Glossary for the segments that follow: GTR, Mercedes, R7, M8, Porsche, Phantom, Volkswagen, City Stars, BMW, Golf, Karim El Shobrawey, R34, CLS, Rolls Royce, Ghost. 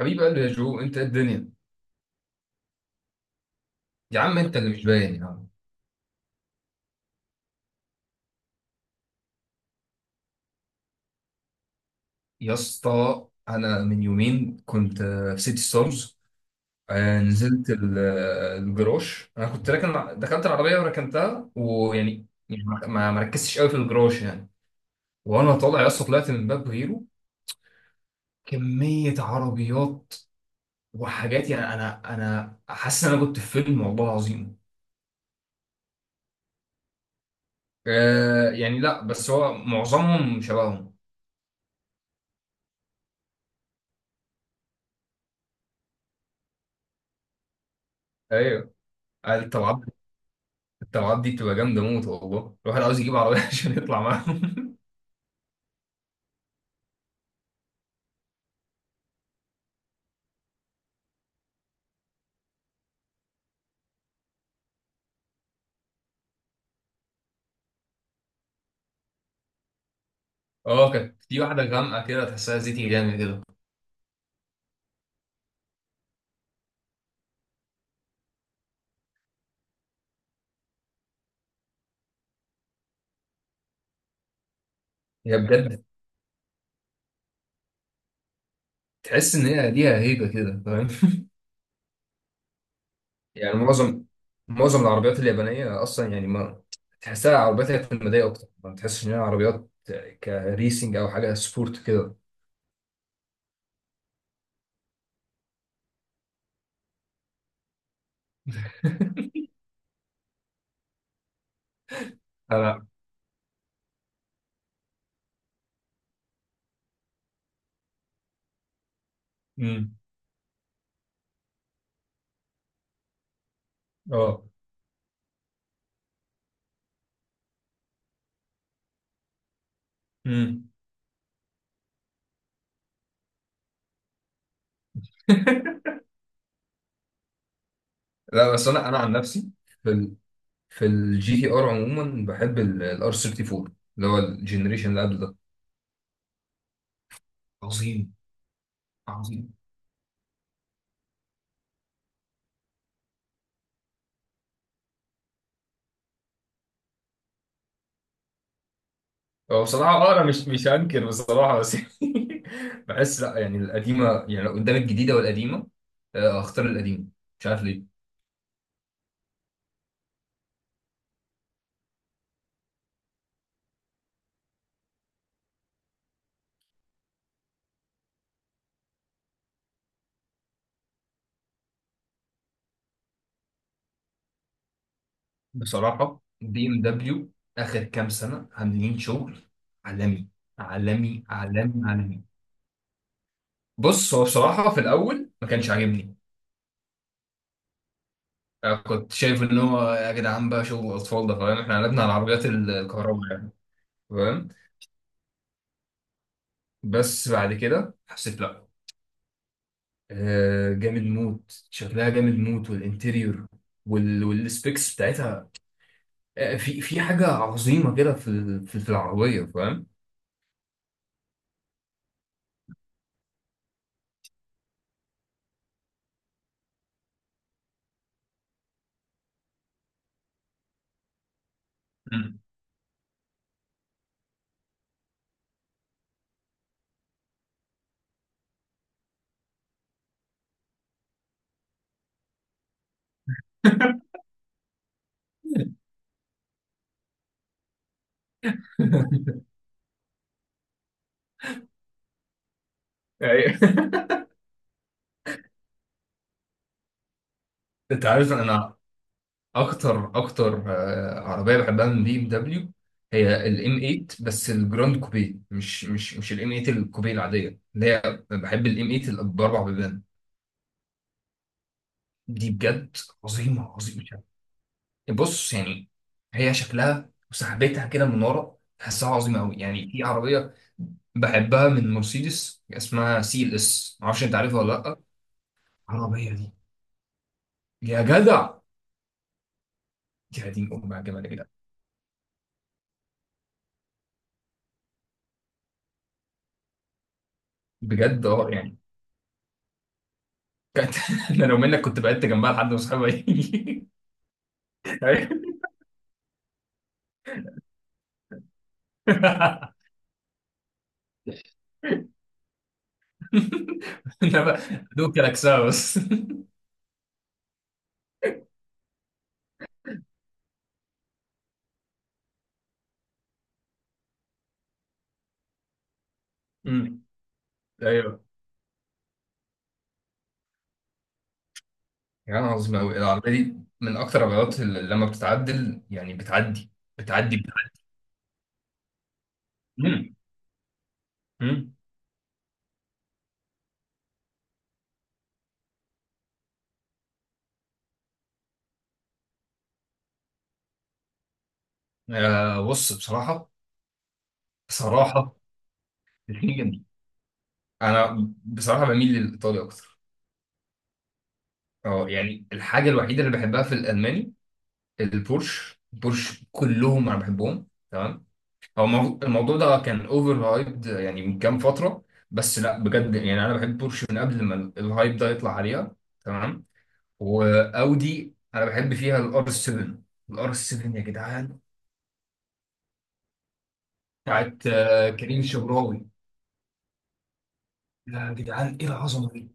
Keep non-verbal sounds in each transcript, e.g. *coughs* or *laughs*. حبيب قلبي يا جو، انت ايه الدنيا؟ يا عم انت اللي مش باين يا عم. يا اسطى انا من يومين كنت في سيتي ستارز. نزلت الجراج. انا كنت راكن، دخلت العربيه وركنتها، ويعني ما ركزتش قوي في الجراج يعني. وانا طالع يا اسطى طلعت من باب غيره. كميه عربيات وحاجات، يعني انا حاسس ان انا كنت في فيلم، والله العظيم. يعني لا، بس هو معظمهم شبههم. ايوه طبعا. الطلعات دي بتبقى جامده موت، والله الواحد عاوز يجيب عربيه *laughs* عشان يطلع معاهم. اه، كانت في واحده غامقه كده، تحسها زيتي جامد كده. هي بجد. تحس ان هي ليها هيبه كده، فاهم؟ *laughs* يعني معظم العربيات اليابانيه اصلا، يعني ما تحسها عربيات اعتماديه اكتر، ما تحسش ان هي عربيات كريسنج او حاجه سبورت كده. لا لا. امم. اه. امم. *laughs* لا، بس انا عن نفسي في ال... في الجي تي ار عموما بحب الار 34، اللي هو الجنريشن اللي قبل ده. عظيم، عظيم. هو بصراحة اه، انا مش هنكر بصراحة، بس *laughs* بحس لا، يعني القديمة، يعني لو قدام الجديدة والقديمة اختار القديمة، مش عارف ليه. بصراحة بي ام دبليو اخر كام سنة عاملين شغل عالمي، عالمي، عالمي، عالمي. بص، هو بصراحة في الاول ما كانش عاجبني. كنت شايف ان هو يا جدعان بقى شغل اطفال ده فاهم، احنا قلبنا على العربيات الكهرباء يعني، فاهم. بس بعد كده حسيت لا، جامد موت، شكلها جامد موت، والانتيريور والسبيكس بتاعتها. في حاجه عظيمه كده في العربيه، فاهم. مم. أيوة. *laughs* انت عارف انا اكتر عربيه بحبها من بي ام دبليو هي الام 8، بس الجراند كوبي، مش الام 8 الكوبي العاديه، اللي هي بحب الام 8 باربع بيبان دي بجد. عظيمه، عظيمه. بص يعني، هي شكلها وسحبتها كده من ورا تحسها عظيمه قوي يعني. في عربيه بحبها من مرسيدس اسمها سي ال اس، معرفش انت عارفها ولا لا. العربيه دي يا جدع، يا دين ام على الجمال يا جدع. بجد اه يعني. كانت *laughs* انا لو منك كنت بعدت جنبها لحد ما اصحابها يجي. *laughs* انا بقى دوك كلاكسها بس. أمم. ايوه. يا، يعني عظيم قوي العربيه دي. من اكتر العربيات اللي لما بتتعدل، يعني بتعدي، بتعدي. مم. مم. بص بصراحة، بصراحة غير. أنا بصراحة بميل للإيطالي أكتر. أه يعني الحاجة الوحيدة اللي بحبها في الألماني البورش. البورش كلهم أنا بحبهم تمام. هو الموضوع ده كان أوفر هايبد يعني من كام فترة، بس لا بجد يعني أنا بحب بورش من قبل ما الهايب ده يطلع عليها. تمام. وأودي أنا بحب فيها الآر 7. الآر 7 يا جدعان، بتاعت كريم الشبراوي. يا جدعان، إيه العظمة دي!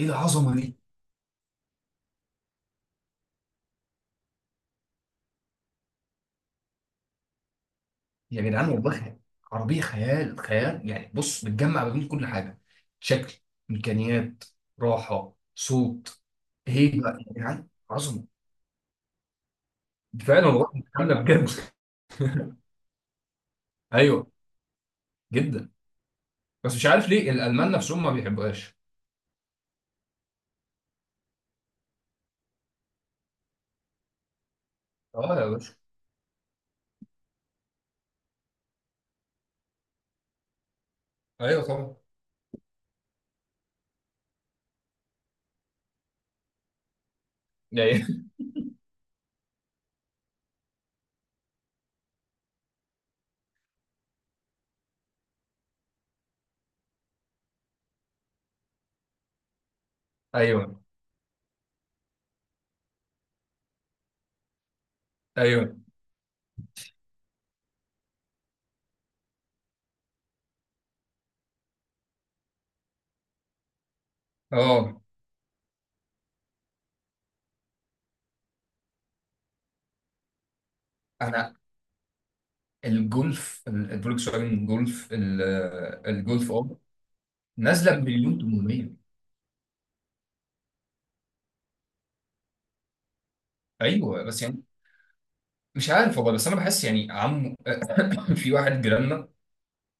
ايه العظمه دي! يا جدعان والله خيال. عربيه خيال خيال، يعني بص بتجمع ما بين كل حاجه: شكل، امكانيات، راحه، صوت، هيبه. يا جدعان عظمه. فعلا والله بتتكلم بجد. *laughs* ايوه، جدا. بس مش عارف ليه الالمان نفسهم ما بيحبوهاش. اه يا باشا. ايوه طبعا. يعني. *laughs* ايوه. ايوه. اه. انا الجولف الفولكس واجن جولف الجولف، اه نازله بمليون 800. ايوه، بس يعني مش عارف والله، بس انا بحس يعني عم. *coughs* في واحد جيراننا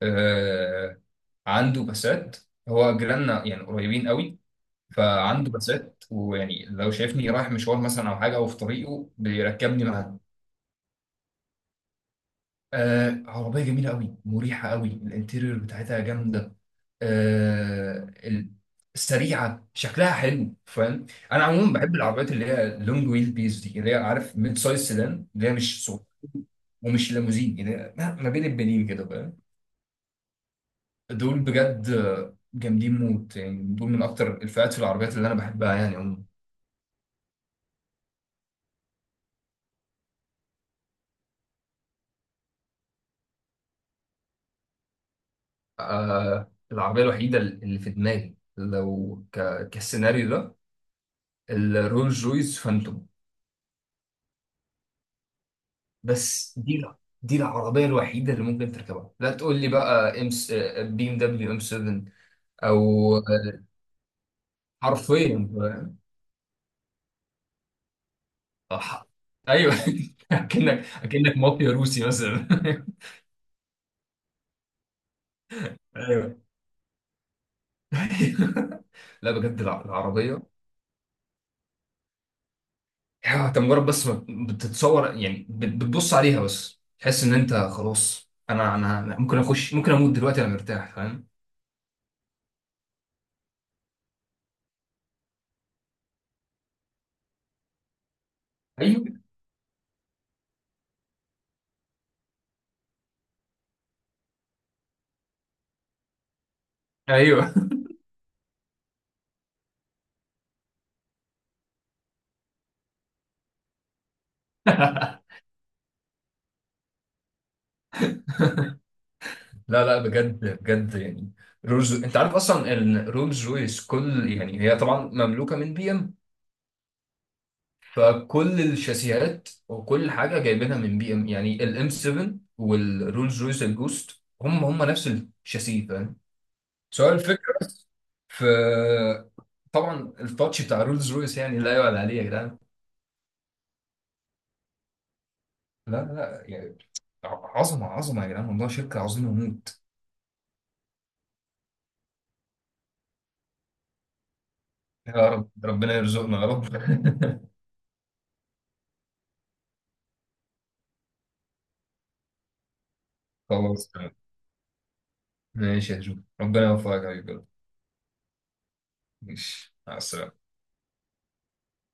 آه، عنده بسات. هو جيراننا يعني قريبين قوي. فعنده بسات، ويعني لو شايفني رايح مشوار مثلا او حاجه او في طريقه بيركبني معاه. عربيه جميله قوي، مريحه قوي، الانتيريور بتاعتها جامده، آه، ال- سريعه، شكلها حلو، فاهم. انا عموما بحب العربيات اللي هي لونج ويل بيز دي، اللي هي عارف ميد سايز سيدان، اللي هي مش صغيرة ومش ليموزين، اللي هي ما بين البنين كده. دول بجد جامدين موت، يعني دول من اكتر الفئات في العربيات اللي انا بحبها يعني عموما. العربيه الوحيده اللي في دماغي لو كالسيناريو ده الرولز رويس فانتوم. بس دي، دي العربيه الوحيده اللي ممكن تركبها. لا تقول لي بقى ام بي ام دبليو ام 7 او حرفيا أح... ايوه. *laughs* اكنك مافيا روسي مثلا. *laughs* ايوه. *laughs* لا بجد العربيه انت مجرد بس ما بتتصور. يعني بتبص عليها بس تحس ان انت خلاص. انا، أنا ممكن اخش، ممكن اموت دلوقتي، انا مرتاح فاهم. ايوه ايوه. *laughs* لا لا بجد بجد يعني. رولز، انت عارف اصلا ان رولز رويس كل، يعني هي طبعا مملوكه من بي ام، فكل الشاسيهات وكل حاجه جايبينها من بي ام. يعني الام 7 والرولز رويس الجوست هم نفس الشاسيه، فاهم. سؤال الفكرة في. طبعا التاتش بتاع رولز رويس يعني لا يعلى عليه يا جدعان. لا، لا يعني. عظمة، عظمة يا جدعان، والله شركة عظيمة موت. يا رب، ربنا يرزقنا يا رب. *laughs* خلاص تمام. ماشي يا جو، ربنا يوفقك يا حبيبي. ماشي، مع السلامة.